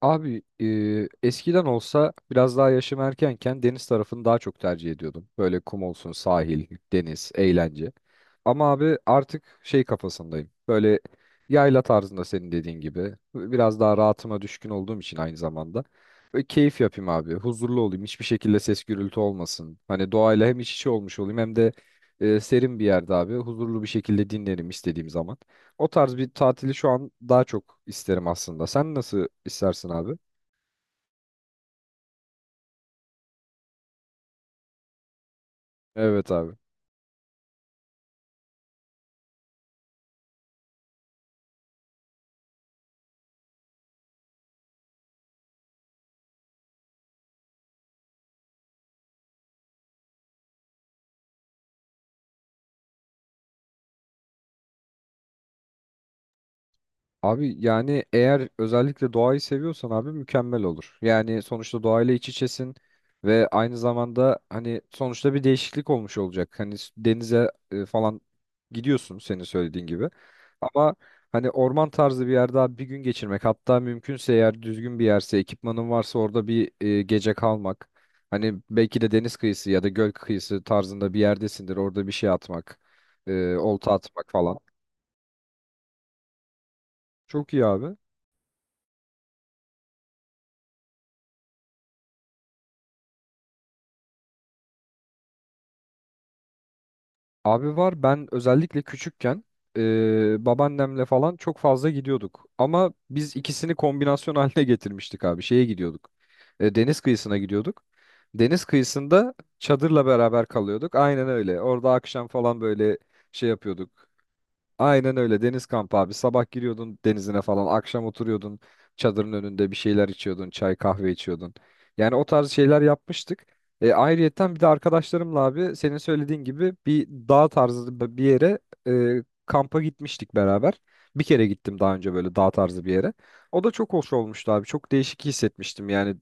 Abi eskiden olsa biraz daha yaşım erkenken deniz tarafını daha çok tercih ediyordum. Böyle kum olsun, sahil, deniz, eğlence. Ama abi artık şey kafasındayım. Böyle yayla tarzında senin dediğin gibi. Biraz daha rahatıma düşkün olduğum için aynı zamanda. Böyle keyif yapayım abi. Huzurlu olayım. Hiçbir şekilde ses gürültü olmasın. Hani doğayla hem iç içe olmuş olayım hem de serin bir yerde abi. Huzurlu bir şekilde dinlerim istediğim zaman. O tarz bir tatili şu an daha çok isterim aslında. Sen nasıl istersin abi? Evet abi. Abi yani eğer özellikle doğayı seviyorsan abi mükemmel olur. Yani sonuçta doğayla iç içesin ve aynı zamanda hani sonuçta bir değişiklik olmuş olacak. Hani denize falan gidiyorsun senin söylediğin gibi. Ama hani orman tarzı bir yerde abi bir gün geçirmek, hatta mümkünse eğer düzgün bir yerse ekipmanın varsa orada bir gece kalmak. Hani belki de deniz kıyısı ya da göl kıyısı tarzında bir yerdesindir, orada bir şey atmak, olta atmak falan. Çok iyi abi. Abi var, ben özellikle küçükken babaannemle falan çok fazla gidiyorduk. Ama biz ikisini kombinasyon haline getirmiştik abi. Şeye gidiyorduk. Deniz kıyısına gidiyorduk. Deniz kıyısında çadırla beraber kalıyorduk. Aynen öyle. Orada akşam falan böyle şey yapıyorduk. Aynen öyle, deniz kampı abi. Sabah giriyordun denizine falan, akşam oturuyordun çadırın önünde bir şeyler içiyordun, çay kahve içiyordun. Yani o tarz şeyler yapmıştık. Ayrıyetten bir de arkadaşlarımla abi senin söylediğin gibi bir dağ tarzı bir yere kampa gitmiştik beraber. Bir kere gittim daha önce böyle dağ tarzı bir yere. O da çok hoş olmuştu abi. Çok değişik hissetmiştim yani.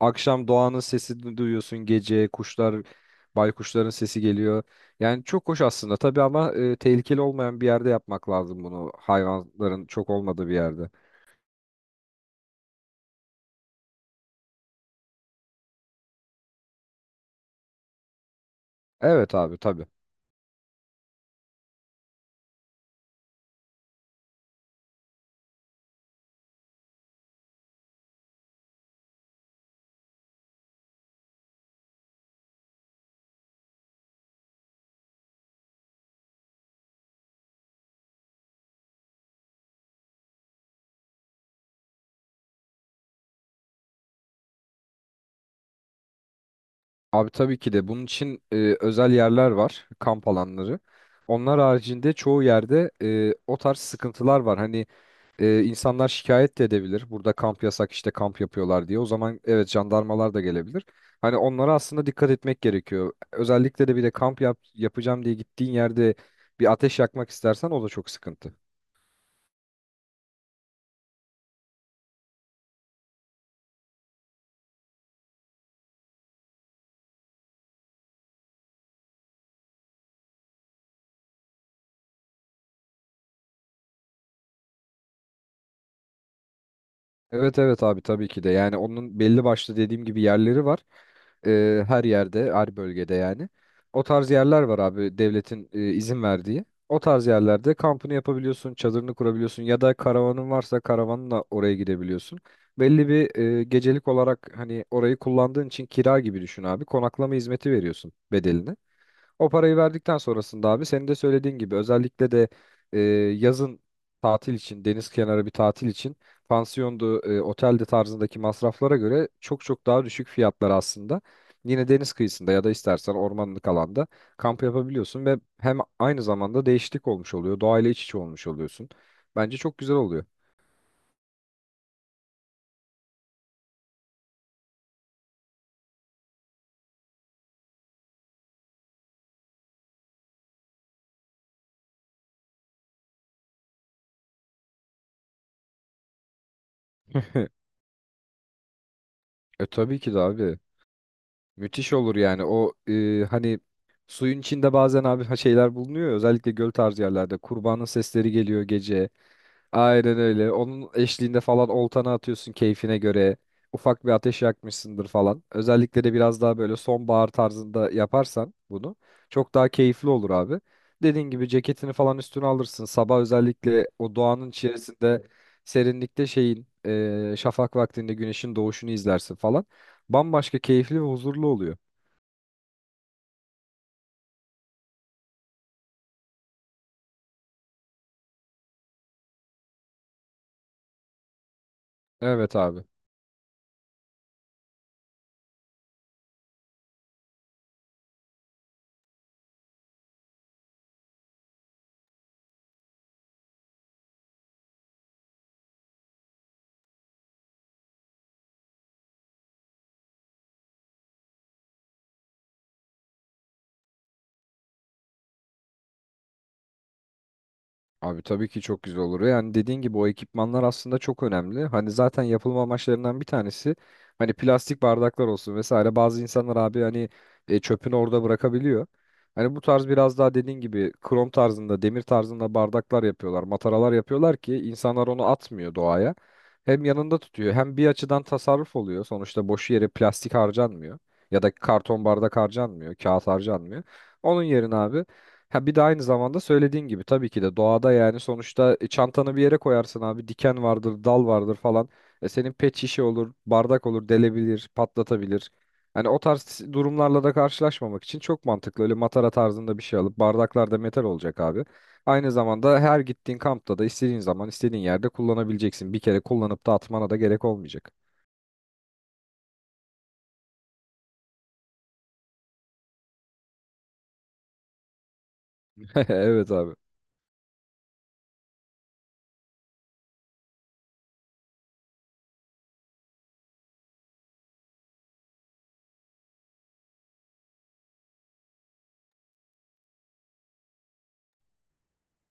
Akşam doğanın sesi duyuyorsun gece, kuşlar, baykuşların sesi geliyor. Yani çok hoş aslında tabii, ama tehlikeli olmayan bir yerde yapmak lazım bunu. Hayvanların çok olmadığı bir yerde. Evet abi, tabii. Abi tabii ki de bunun için özel yerler var, kamp alanları. Onlar haricinde çoğu yerde o tarz sıkıntılar var. Hani insanlar şikayet de edebilir. Burada kamp yasak, işte kamp yapıyorlar diye. O zaman evet, jandarmalar da gelebilir. Hani onlara aslında dikkat etmek gerekiyor. Özellikle de bir de kamp yap, yapacağım diye gittiğin yerde bir ateş yakmak istersen o da çok sıkıntı. Evet evet abi, tabii ki de. Yani onun belli başlı dediğim gibi yerleri var. Her yerde, her bölgede yani o tarz yerler var abi. Devletin izin verdiği o tarz yerlerde kampını yapabiliyorsun, çadırını kurabiliyorsun ya da karavanın varsa karavanla oraya gidebiliyorsun. Belli bir gecelik olarak hani orayı kullandığın için kira gibi düşün abi, konaklama hizmeti veriyorsun bedelini. O parayı verdikten sonrasında abi senin de söylediğin gibi özellikle de e, yazın tatil için, deniz kenarı bir tatil için pansiyondu, otelde tarzındaki masraflara göre çok çok daha düşük fiyatlar aslında. Yine deniz kıyısında ya da istersen ormanlık alanda kamp yapabiliyorsun ve hem aynı zamanda değişiklik olmuş oluyor, doğayla iç içe olmuş oluyorsun. Bence çok güzel oluyor. E, tabii ki de abi. Müthiş olur yani. O hani suyun içinde bazen abi şeyler bulunuyor ya, özellikle göl tarzı yerlerde kurbanın sesleri geliyor gece. Aynen öyle, onun eşliğinde falan oltana atıyorsun keyfine göre, ufak bir ateş yakmışsındır falan. Özellikle de biraz daha böyle sonbahar tarzında yaparsan bunu çok daha keyifli olur abi. Dediğin gibi ceketini falan üstüne alırsın sabah, özellikle o doğanın içerisinde serinlikte, şeyin şafak vaktinde güneşin doğuşunu izlersin falan. Bambaşka keyifli ve huzurlu oluyor. Evet abi. Abi tabii ki çok güzel olur. Yani dediğin gibi o ekipmanlar aslında çok önemli. Hani zaten yapılma amaçlarından bir tanesi, hani plastik bardaklar olsun vesaire. Bazı insanlar abi hani çöpünü orada bırakabiliyor. Hani bu tarz biraz daha dediğin gibi krom tarzında, demir tarzında bardaklar yapıyorlar, mataralar yapıyorlar ki insanlar onu atmıyor doğaya. Hem yanında tutuyor, hem bir açıdan tasarruf oluyor. Sonuçta boş yere plastik harcanmıyor ya da karton bardak harcanmıyor, kağıt harcanmıyor. Onun yerine abi. Ha bir de aynı zamanda söylediğin gibi tabii ki de doğada yani sonuçta çantanı bir yere koyarsın abi, diken vardır, dal vardır falan. E senin pet şişe olur, bardak olur, delebilir, patlatabilir. Hani o tarz durumlarla da karşılaşmamak için çok mantıklı. Öyle matara tarzında bir şey alıp bardaklar da metal olacak abi. Aynı zamanda her gittiğin kampta da istediğin zaman istediğin yerde kullanabileceksin. Bir kere kullanıp da atmana da gerek olmayacak. Evet abi.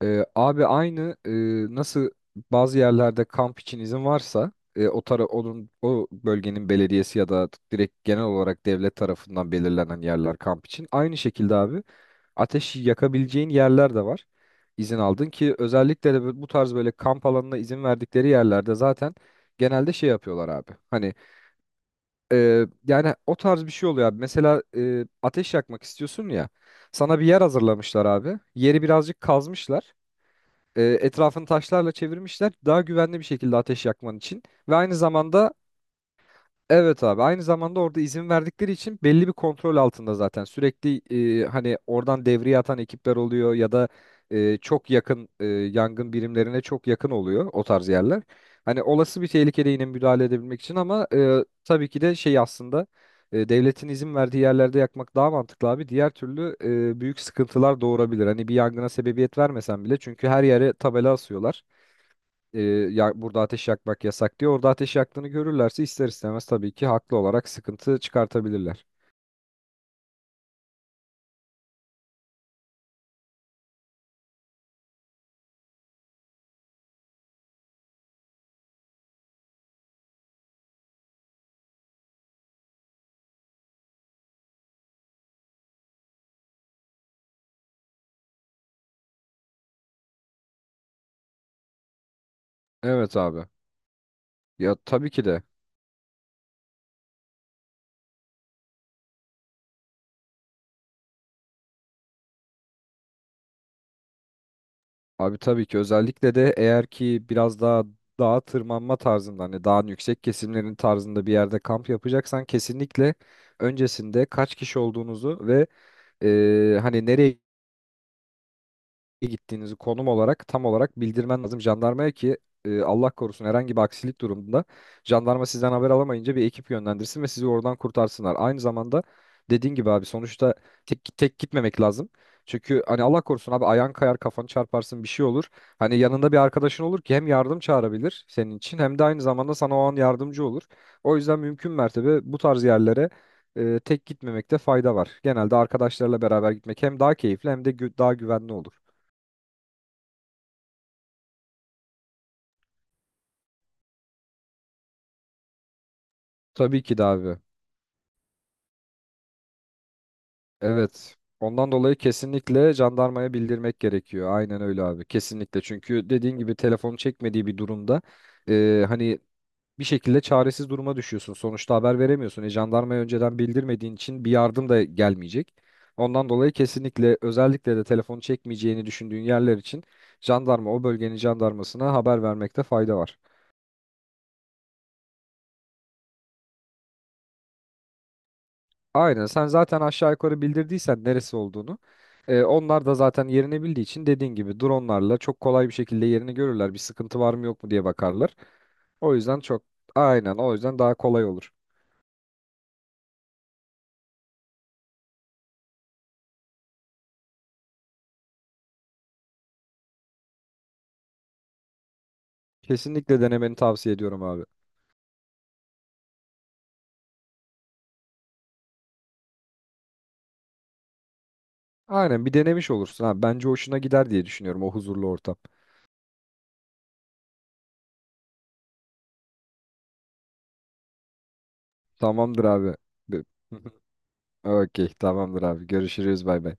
Abi aynı nasıl, bazı yerlerde kamp için izin varsa o tara onun o bölgenin belediyesi ya da direkt genel olarak devlet tarafından belirlenen yerler kamp için, aynı şekilde abi ateş yakabileceğin yerler de var. İzin aldın ki özellikle de bu tarz böyle kamp alanına izin verdikleri yerlerde zaten genelde şey yapıyorlar abi, hani yani o tarz bir şey oluyor abi. Mesela ateş yakmak istiyorsun ya, sana bir yer hazırlamışlar abi, yeri birazcık kazmışlar, etrafını taşlarla çevirmişler daha güvenli bir şekilde ateş yakman için ve aynı zamanda. Evet abi, aynı zamanda orada izin verdikleri için belli bir kontrol altında zaten sürekli hani oradan devriye atan ekipler oluyor ya da çok yakın yangın birimlerine çok yakın oluyor o tarz yerler. Hani olası bir tehlikede yine müdahale edebilmek için. Ama tabii ki de şey aslında, devletin izin verdiği yerlerde yakmak daha mantıklı abi. Diğer türlü büyük sıkıntılar doğurabilir. Hani bir yangına sebebiyet vermesen bile, çünkü her yere tabela asıyorlar e, ya burada ateş yakmak yasak diye, orada ateş yaktığını görürlerse ister istemez tabii ki haklı olarak sıkıntı çıkartabilirler. Evet abi. Ya tabii ki de. Abi tabii ki, özellikle de eğer ki biraz daha dağa tırmanma tarzında hani dağın yüksek kesimlerin tarzında bir yerde kamp yapacaksan kesinlikle öncesinde kaç kişi olduğunuzu ve hani nereye gittiğinizi konum olarak tam olarak bildirmen lazım jandarmaya ki Allah korusun herhangi bir aksilik durumunda jandarma sizden haber alamayınca bir ekip yönlendirsin ve sizi oradan kurtarsınlar. Aynı zamanda dediğin gibi abi sonuçta tek tek gitmemek lazım. Çünkü hani Allah korusun abi, ayağın kayar, kafanı çarparsın, bir şey olur. Hani yanında bir arkadaşın olur ki hem yardım çağırabilir senin için hem de aynı zamanda sana o an yardımcı olur. O yüzden mümkün mertebe bu tarz yerlere tek gitmemekte fayda var. Genelde arkadaşlarla beraber gitmek hem daha keyifli hem de daha güvenli olur. Tabii ki de abi. Evet. Ondan dolayı kesinlikle jandarmaya bildirmek gerekiyor. Aynen öyle abi. Kesinlikle. Çünkü dediğin gibi telefonu çekmediği bir durumda hani bir şekilde çaresiz duruma düşüyorsun. Sonuçta haber veremiyorsun. E, jandarmaya önceden bildirmediğin için bir yardım da gelmeyecek. Ondan dolayı kesinlikle özellikle de telefonu çekmeyeceğini düşündüğün yerler için jandarma o bölgenin jandarmasına haber vermekte fayda var. Aynen, sen zaten aşağı yukarı bildirdiysen neresi olduğunu onlar da zaten yerini bildiği için dediğin gibi dronlarla çok kolay bir şekilde yerini görürler. Bir sıkıntı var mı yok mu diye bakarlar. O yüzden çok, aynen, o yüzden daha kolay olur. Kesinlikle denemeni tavsiye ediyorum abi. Aynen, bir denemiş olursun ha. Bence hoşuna gider diye düşünüyorum, o huzurlu ortam. Tamamdır abi. Be- Okey, tamamdır abi. Görüşürüz, bay bay.